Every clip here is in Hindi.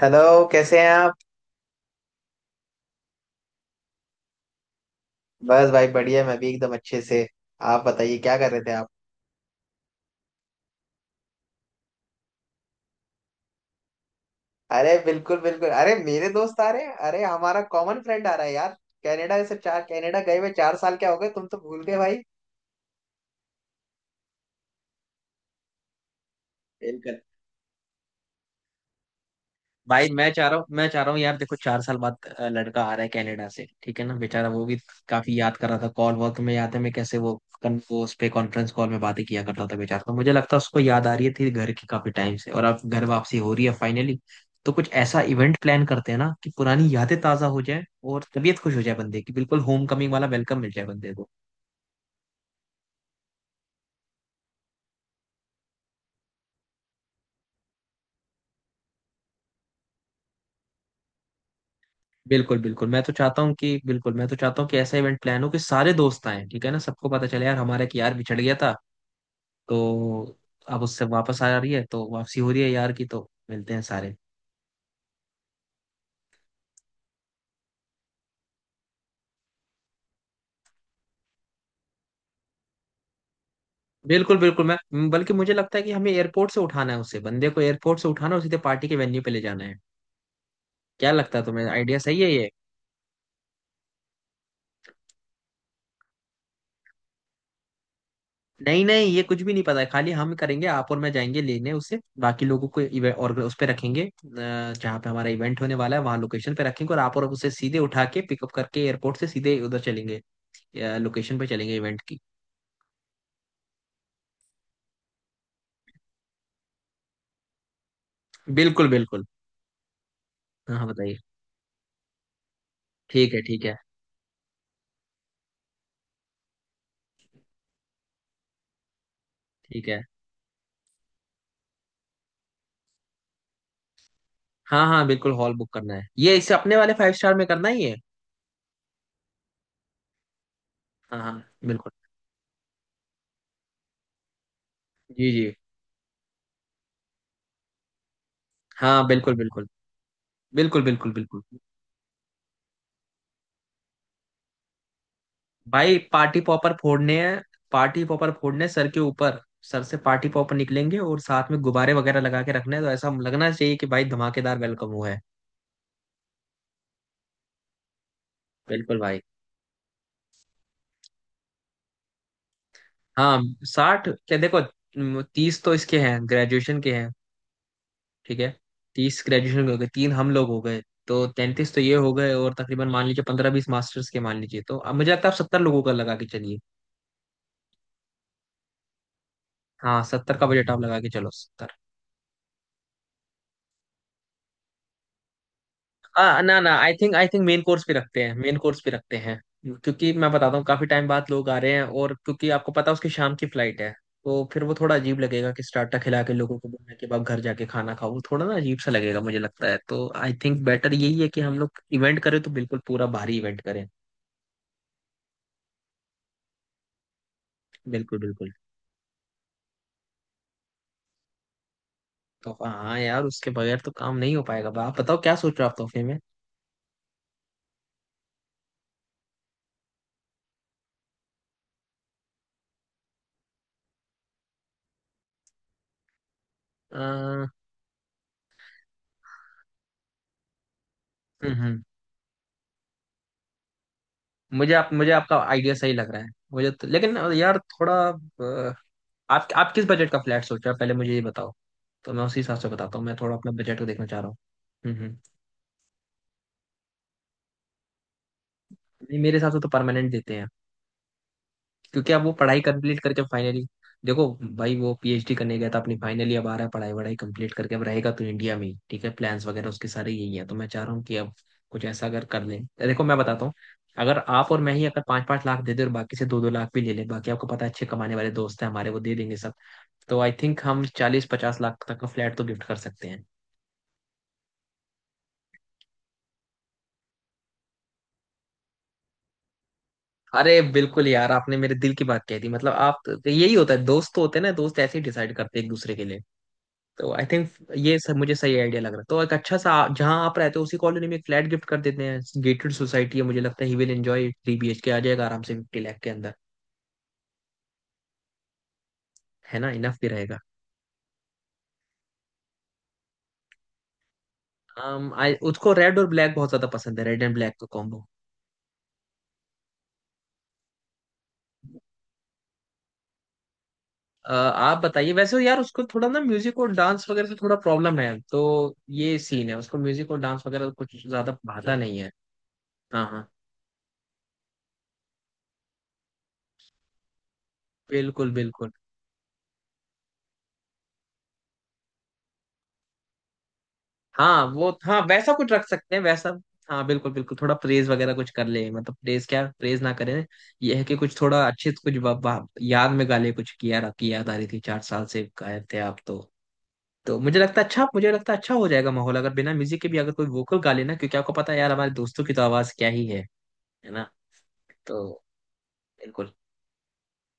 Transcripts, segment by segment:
हेलो। कैसे हैं आप? बस भाई बढ़िया, मैं भी एकदम अच्छे से। आप बताइए क्या कर रहे थे आप? अरे बिल्कुल बिल्कुल, अरे मेरे दोस्त आ रहे हैं, अरे हमारा कॉमन फ्रेंड आ रहा है यार। कनाडा से, चार कनाडा गए हुए 4 साल क्या हो गए, तुम तो भूल गए भाई। बिल्कुल भाई, मैं चाह रहा हूँ यार, देखो 4 साल बाद लड़का आ रहा है कनाडा से, ठीक है ना, बेचारा वो भी काफी याद कर रहा था। कॉल वॉल में याद है मैं कैसे वो वो उस पे कॉन्फ्रेंस कॉल में बातें किया करता था बेचारा, तो मुझे लगता है उसको याद आ रही थी घर की काफी टाइम से, और अब घर वापसी हो रही है फाइनली। तो कुछ ऐसा इवेंट प्लान करते हैं ना कि पुरानी यादें ताजा हो जाए और तबीयत खुश हो जाए बंदे की, बिल्कुल होम कमिंग वाला वेलकम मिल जाए बंदे को। बिल्कुल बिल्कुल, मैं तो चाहता हूँ कि बिल्कुल मैं तो चाहता हूँ कि ऐसा इवेंट प्लान हो कि सारे दोस्त आए, ठीक है ना, सबको पता चले यार हमारा कि यार बिछड़ गया था तो, अब उससे वापस आ रही है तो वापसी हो रही है यार की, तो मिलते हैं सारे। बिल्कुल बिल्कुल, मैं बल्कि मुझे लगता है कि हमें एयरपोर्ट से उठाना है उसे, बंदे को एयरपोर्ट से उठाना है और सीधे पार्टी के वेन्यू पे ले जाना है। क्या लगता है तुम्हें, आइडिया सही है ये? नहीं नहीं, ये कुछ भी नहीं पता है, खाली हम करेंगे, आप और मैं जाएंगे लेने उसे, बाकी लोगों को और उस पे रखेंगे, जहाँ पे हमारा इवेंट होने वाला है वहाँ लोकेशन पे रखेंगे, और आप और उसे सीधे उठा के पिकअप करके एयरपोर्ट से सीधे उधर चलेंगे, लोकेशन पे चलेंगे इवेंट की। बिल्कुल बिल्कुल। हाँ हाँ, बताइए। ठीक है ठीक है। ठीक है। हाँ हाँ, बिल्कुल हॉल बुक करना है, ये इसे अपने वाले फाइव स्टार में करना ही है। हाँ हाँ। बिल्कुल। जी जी। हाँ बिल्कुल। बिल्कुल बिल्कुल बिल्कुल। बिल्कुल भाई, पार्टी पॉपर फोड़ने हैं, पार्टी पॉपर फोड़ने हैं सर के ऊपर। सर से पार्टी पॉपर निकलेंगे और साथ में गुब्बारे वगैरह लगा के रखने हैं, तो ऐसा लगना चाहिए कि भाई धमाकेदार वेलकम हुआ है। बिल्कुल भाई। हाँ। 60 क्या, देखो 30 तो इसके हैं, ग्रेजुएशन के हैं, ठीक है। 30 ग्रेजुएशन के हो गए, तीन हम लोग हो गए, तो 33 तो ये हो गए, और तकरीबन मान लीजिए 15-20 मास्टर्स के मान लीजिए, तो अब मुझे लगता है आप सत्तर लोगों का लगा के चलिए। हाँ 70 का बजट आप लगा के चलो, 70। ना ना, आई थिंक मेन कोर्स पे रखते हैं, मेन कोर्स पे रखते हैं। क्योंकि मैं बताता हूँ काफी टाइम बाद लोग आ रहे हैं, और क्योंकि आपको पता है उसकी शाम की फ्लाइट है, तो फिर वो थोड़ा अजीब लगेगा कि स्टार्टर खिला के लोगों को बोलने के बाद घर जाके खाना खाओ, वो थोड़ा ना अजीब सा लगेगा मुझे लगता है, तो आई थिंक बेटर यही है कि हम लोग इवेंट करें तो बिल्कुल पूरा भारी इवेंट करें। बिल्कुल बिल्कुल। तोहफा, हाँ यार उसके बगैर तो काम नहीं हो पाएगा। आप बताओ क्या सोच रहे हो आप तोहफे में? आ, हम्म हम्म। मुझे आपका आइडिया सही लग रहा है मुझे तो, लेकिन यार थोड़ा आप किस बजट का फ्लैट सोच रहे हो पहले मुझे ये बताओ, तो मैं उसी हिसाब से बताता हूँ, मैं थोड़ा अपना बजट को देखना चाह रहा हूँ। हम्म। नहीं, मेरे हिसाब से तो परमानेंट देते हैं, क्योंकि अब वो पढ़ाई कंप्लीट करके फाइनली। देखो भाई, वो PhD करने गया था अपनी, फाइनली अब आ रहा है पढ़ाई वढ़ाई कंप्लीट करके, अब रहेगा तो इंडिया में ही, ठीक है, प्लान्स वगैरह उसके सारे यही है, तो मैं चाह रहा हूँ कि अब कुछ ऐसा अगर कर लें। देखो मैं बताता हूँ, अगर आप और मैं ही अगर पाँच पाँच लाख दे दे और बाकी से दो दो लाख भी ले लें, बाकी आपको पता है अच्छे कमाने वाले दोस्त हैं हमारे, वो दे देंगे सब। तो आई थिंक हम 40-50 लाख तक का फ्लैट तो गिफ्ट कर सकते हैं। अरे बिल्कुल यार, आपने मेरे दिल की बात कह दी, मतलब आप, यही होता है, दोस्त तो होते हैं ना, दोस्त ऐसे ही डिसाइड करते हैं एक दूसरे के लिए। तो आई थिंक ये सब मुझे सही आइडिया लग रहा है, तो एक अच्छा सा, जहाँ आप रहते हो उसी कॉलोनी में एक फ्लैट गिफ्ट कर देते हैं, गेटेड सोसाइटी है, मुझे लगता है ही विल एंजॉय, 3 BHK आ जाएगा आराम से 50 लाख के अंदर। है ना, इनफ भी रहेगा। उसको रेड और ब्लैक बहुत ज्यादा पसंद है, रेड एंड ब्लैक का कॉम्बो। आप बताइए, वैसे यार उसको थोड़ा ना म्यूजिक और डांस वगैरह से थोड़ा प्रॉब्लम है, तो ये सीन है, उसको म्यूजिक और डांस वगैरह कुछ ज्यादा भाता नहीं है। हाँ हाँ। बिल्कुल बिल्कुल। हाँ वो, हाँ वैसा कुछ रख सकते हैं वैसा। हाँ बिल्कुल बिल्कुल, थोड़ा प्रेज वगैरह कुछ कर ले, मतलब प्रेज क्या, प्रेज ना करें, ये है कि कुछ थोड़ा अच्छे से कुछ वा- वा- याद में गाले कुछ, किया रखी याद आ रही थी, चार साल से गायब थे आप तो। तो मुझे लगता है अच्छा हो जाएगा माहौल, अगर बिना म्यूजिक के भी अगर कोई वोकल गा लेना, क्योंकि आपको पता है यार हमारे दोस्तों की तो आवाज क्या ही है ना। तो बिल्कुल।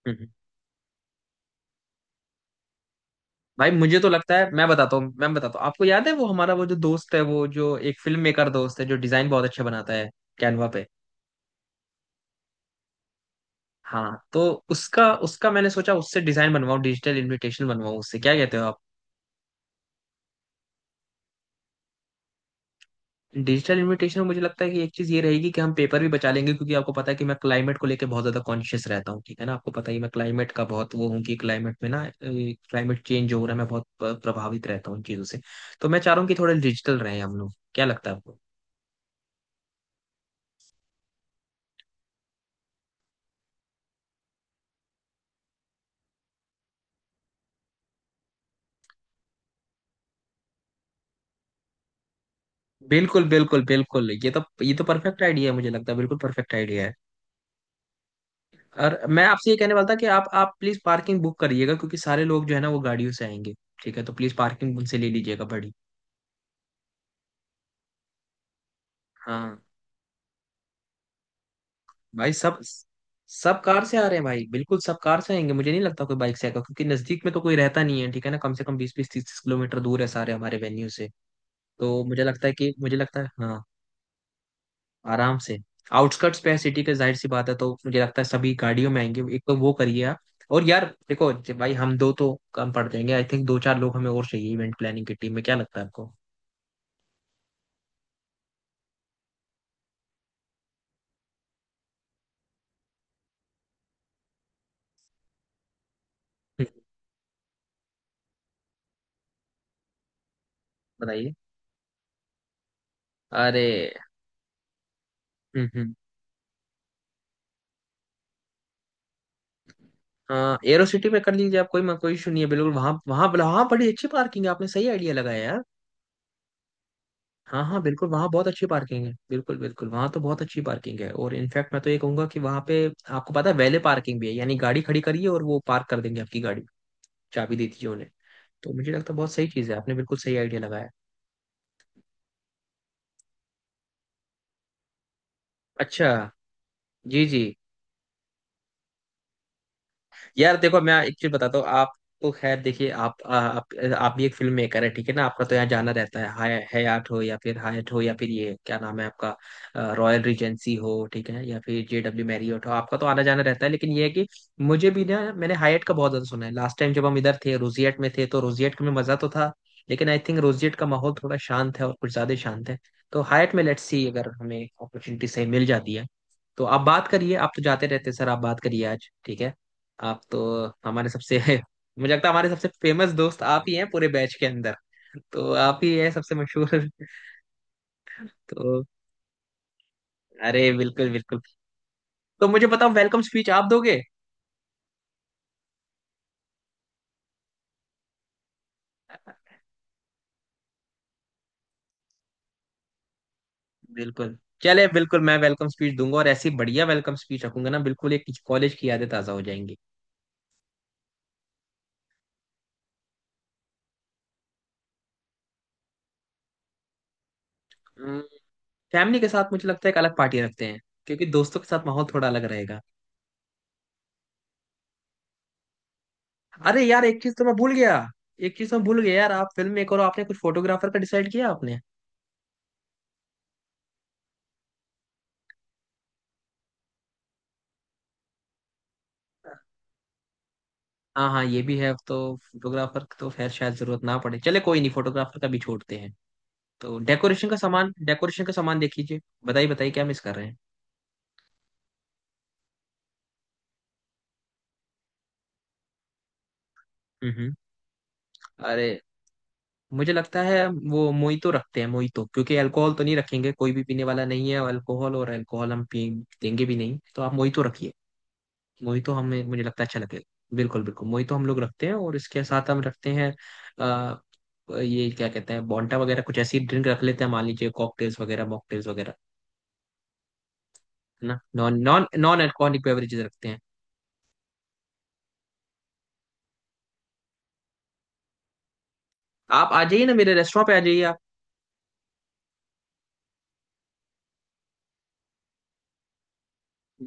हम्म। हम्म। भाई मुझे तो लगता है, मैं बताता हूँ आपको याद है वो हमारा, वो जो दोस्त है, वो जो एक फिल्म मेकर दोस्त है जो डिजाइन बहुत अच्छा बनाता है कैनवा पे। हाँ तो उसका उसका मैंने सोचा उससे डिजाइन बनवाऊं, डिजिटल इनविटेशन बनवाऊं उससे, क्या कहते हो आप? डिजिटल इनविटेशन में मुझे लगता है कि एक चीज ये रहेगी कि हम पेपर भी बचा लेंगे, क्योंकि आपको पता है कि मैं क्लाइमेट को लेके बहुत ज्यादा कॉन्शियस रहता हूँ, ठीक है ना, आपको पता ही है, मैं क्लाइमेट का बहुत वो हूँ कि क्लाइमेट में ना क्लाइमेट चेंज हो रहा है, मैं बहुत प्रभावित रहता हूँ इन चीजों से। तो मैं चाह रहा हूँ कि थोड़ा डिजिटल रहे हम लोग, क्या लगता है आपको? बिल्कुल बिल्कुल बिल्कुल, ये तो परफेक्ट आइडिया है, मुझे लगता है बिल्कुल परफेक्ट आइडिया है। और मैं आपसे ये कहने वाला था कि आप प्लीज पार्किंग बुक करिएगा, क्योंकि सारे लोग जो है ना वो गाड़ियों से आएंगे, ठीक है, तो प्लीज पार्किंग उनसे ले लीजिएगा बड़ी। हाँ भाई, सब, सब कार से आ रहे हैं भाई, बिल्कुल सब कार से आएंगे, मुझे नहीं लगता कोई बाइक से आएगा, क्योंकि नजदीक में तो कोई रहता नहीं है, ठीक है ना, कम से कम 20-20 30-30 किलोमीटर दूर है सारे हमारे वेन्यू से। तो मुझे लगता है हाँ, आराम से, आउटस्कर्ट्स पे है सिटी के, जाहिर सी बात है, तो मुझे लगता है सभी गाड़ियों में आएंगे, एक तो वो करिए आप। और यार देखो, भाई हम दो तो कम पड़ जाएंगे, आई थिंक दो चार लोग हमें और चाहिए इवेंट प्लानिंग की टीम में, क्या लगता है आपको? हम्म, बताइए। अरे। हम्म। हाँ, एरो सिटी में कर लीजिए आप, कोई कोई इशू नहीं है बिल्कुल, वहाँ वहाँ वहाँ बड़ी अच्छी पार्किंग है, आपने सही आइडिया लगाया यार। हाँ हाँ बिल्कुल, वहाँ बहुत अच्छी पार्किंग है, बिल्कुल बिल्कुल, वहाँ तो बहुत अच्छी पार्किंग है, और इनफैक्ट मैं तो ये कहूंगा कि वहाँ पे आपको पता है वैले पार्किंग भी है, यानी गाड़ी खड़ी करिए और वो पार्क कर देंगे आपकी गाड़ी, चाबी दे दीजिए उन्हें। तो मुझे लगता है बहुत सही चीज़ है, आपने बिल्कुल सही आइडिया लगाया। अच्छा। जी जी। यार देखो मैं एक चीज बताता हूँ आप, तो खैर देखिए आप, आप भी एक फिल्म मेकर है, ठीक है ना, आपका तो यहाँ जाना रहता है, हाय हयात हो या फिर हायट हो या फिर ये क्या नाम है आपका, रॉयल रिजेंसी हो, ठीक है, या फिर जे डब्ल्यू मैरियट हो, तो आपका तो आना जाना रहता है, लेकिन ये है कि मुझे भी ना मैंने हायट का बहुत ज्यादा सुना है। लास्ट टाइम जब हम इधर थे रोजियट में थे, तो रोजियट में मजा तो था, लेकिन आई थिंक रोजियट का माहौल थोड़ा शांत है, और कुछ ज्यादा ही शांत है। तो हायट में लेट्स सी अगर हमें अपॉर्चुनिटी सही मिल जाती है, तो आप बात करिए, आप तो जाते रहते हैं, सर आप बात करिए आज, ठीक है। आप तो हमारे सबसे मुझे लगता है हमारे सबसे फेमस दोस्त आप ही हैं पूरे बैच के अंदर, तो आप ही हैं सबसे मशहूर। तो अरे बिल्कुल बिल्कुल। तो मुझे बताओ वेलकम स्पीच आप दोगे? बिल्कुल चले, बिल्कुल मैं वेलकम स्पीच दूंगा, और ऐसी बढ़िया वेलकम स्पीच रखूंगा ना, बिल्कुल एक कॉलेज की यादें ताजा हो जाएंगी। फैमिली के साथ मुझे लगता है एक अलग पार्टी रखते हैं, क्योंकि दोस्तों के साथ माहौल थोड़ा अलग रहेगा। अरे यार एक चीज तो मैं भूल गया, यार आप फिल्म मेकर हो, आपने कुछ फोटोग्राफर का डिसाइड किया आपने? हाँ हाँ, ये भी है, तो फोटोग्राफर तो खैर शायद जरूरत ना पड़े, चले कोई नहीं, फोटोग्राफर का भी छोड़ते हैं। तो डेकोरेशन का सामान, डेकोरेशन का सामान देख लीजिए। बताइए बताइए, क्या मिस कर रहे हैं? हम्म हम्म। अरे मुझे लगता है वो मोहितो रखते हैं, मोहितो, क्योंकि अल्कोहल तो नहीं रखेंगे, कोई भी पीने वाला नहीं है अल्कोहल, और अल्कोहल हम पी देंगे भी नहीं, तो आप मोहितो रखिए, मोहितो, हमें मुझे लगता है अच्छा लगेगा, बिल्कुल बिल्कुल मोहितो हम लोग रखते हैं, और इसके साथ हम रखते हैं अ, ये क्या कहते हैं, बॉन्टा वगैरह कुछ ऐसी ड्रिंक रख लेते हैं, मान लीजिए कॉकटेल्स वगैरह, मॉकटेल्स वगैरह, है ना, non non non alcoholic beverages रखते हैं। आप आ जाइए ना मेरे रेस्टोरेंट पे आ जाइए आप।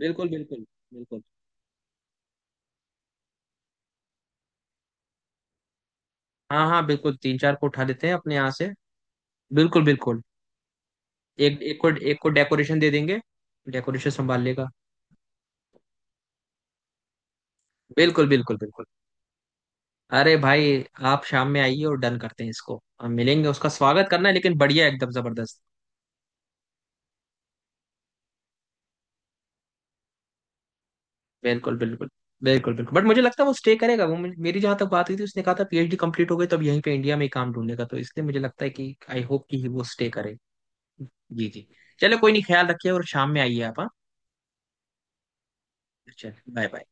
बिल्कुल बिल्कुल बिल्कुल। हाँ हाँ बिल्कुल, तीन चार को उठा लेते हैं अपने यहाँ से। बिल्कुल बिल्कुल। एक एक को डेकोरेशन दे देंगे, डेकोरेशन संभाल लेगा। बिल्कुल बिल्कुल बिल्कुल। अरे भाई, आप शाम में आइए और डन करते हैं इसको, हम मिलेंगे, उसका स्वागत करना है लेकिन बढ़िया, एकदम जबरदस्त। बिल्कुल बिल्कुल बिल्कुल बिल्कुल, बट मुझे लगता है वो स्टे करेगा, वो मेरी जहां तक बात हुई थी उसने कहा था PhD कंप्लीट हो गई, तो अब यहीं पे इंडिया में ही काम ढूंढेगा, तो इसलिए मुझे लगता है कि आई होप कि वो स्टे करे। जी जी। चलो कोई नहीं, ख्याल रखिए और शाम में आइए आप, हाँ। चलो बाय बाय।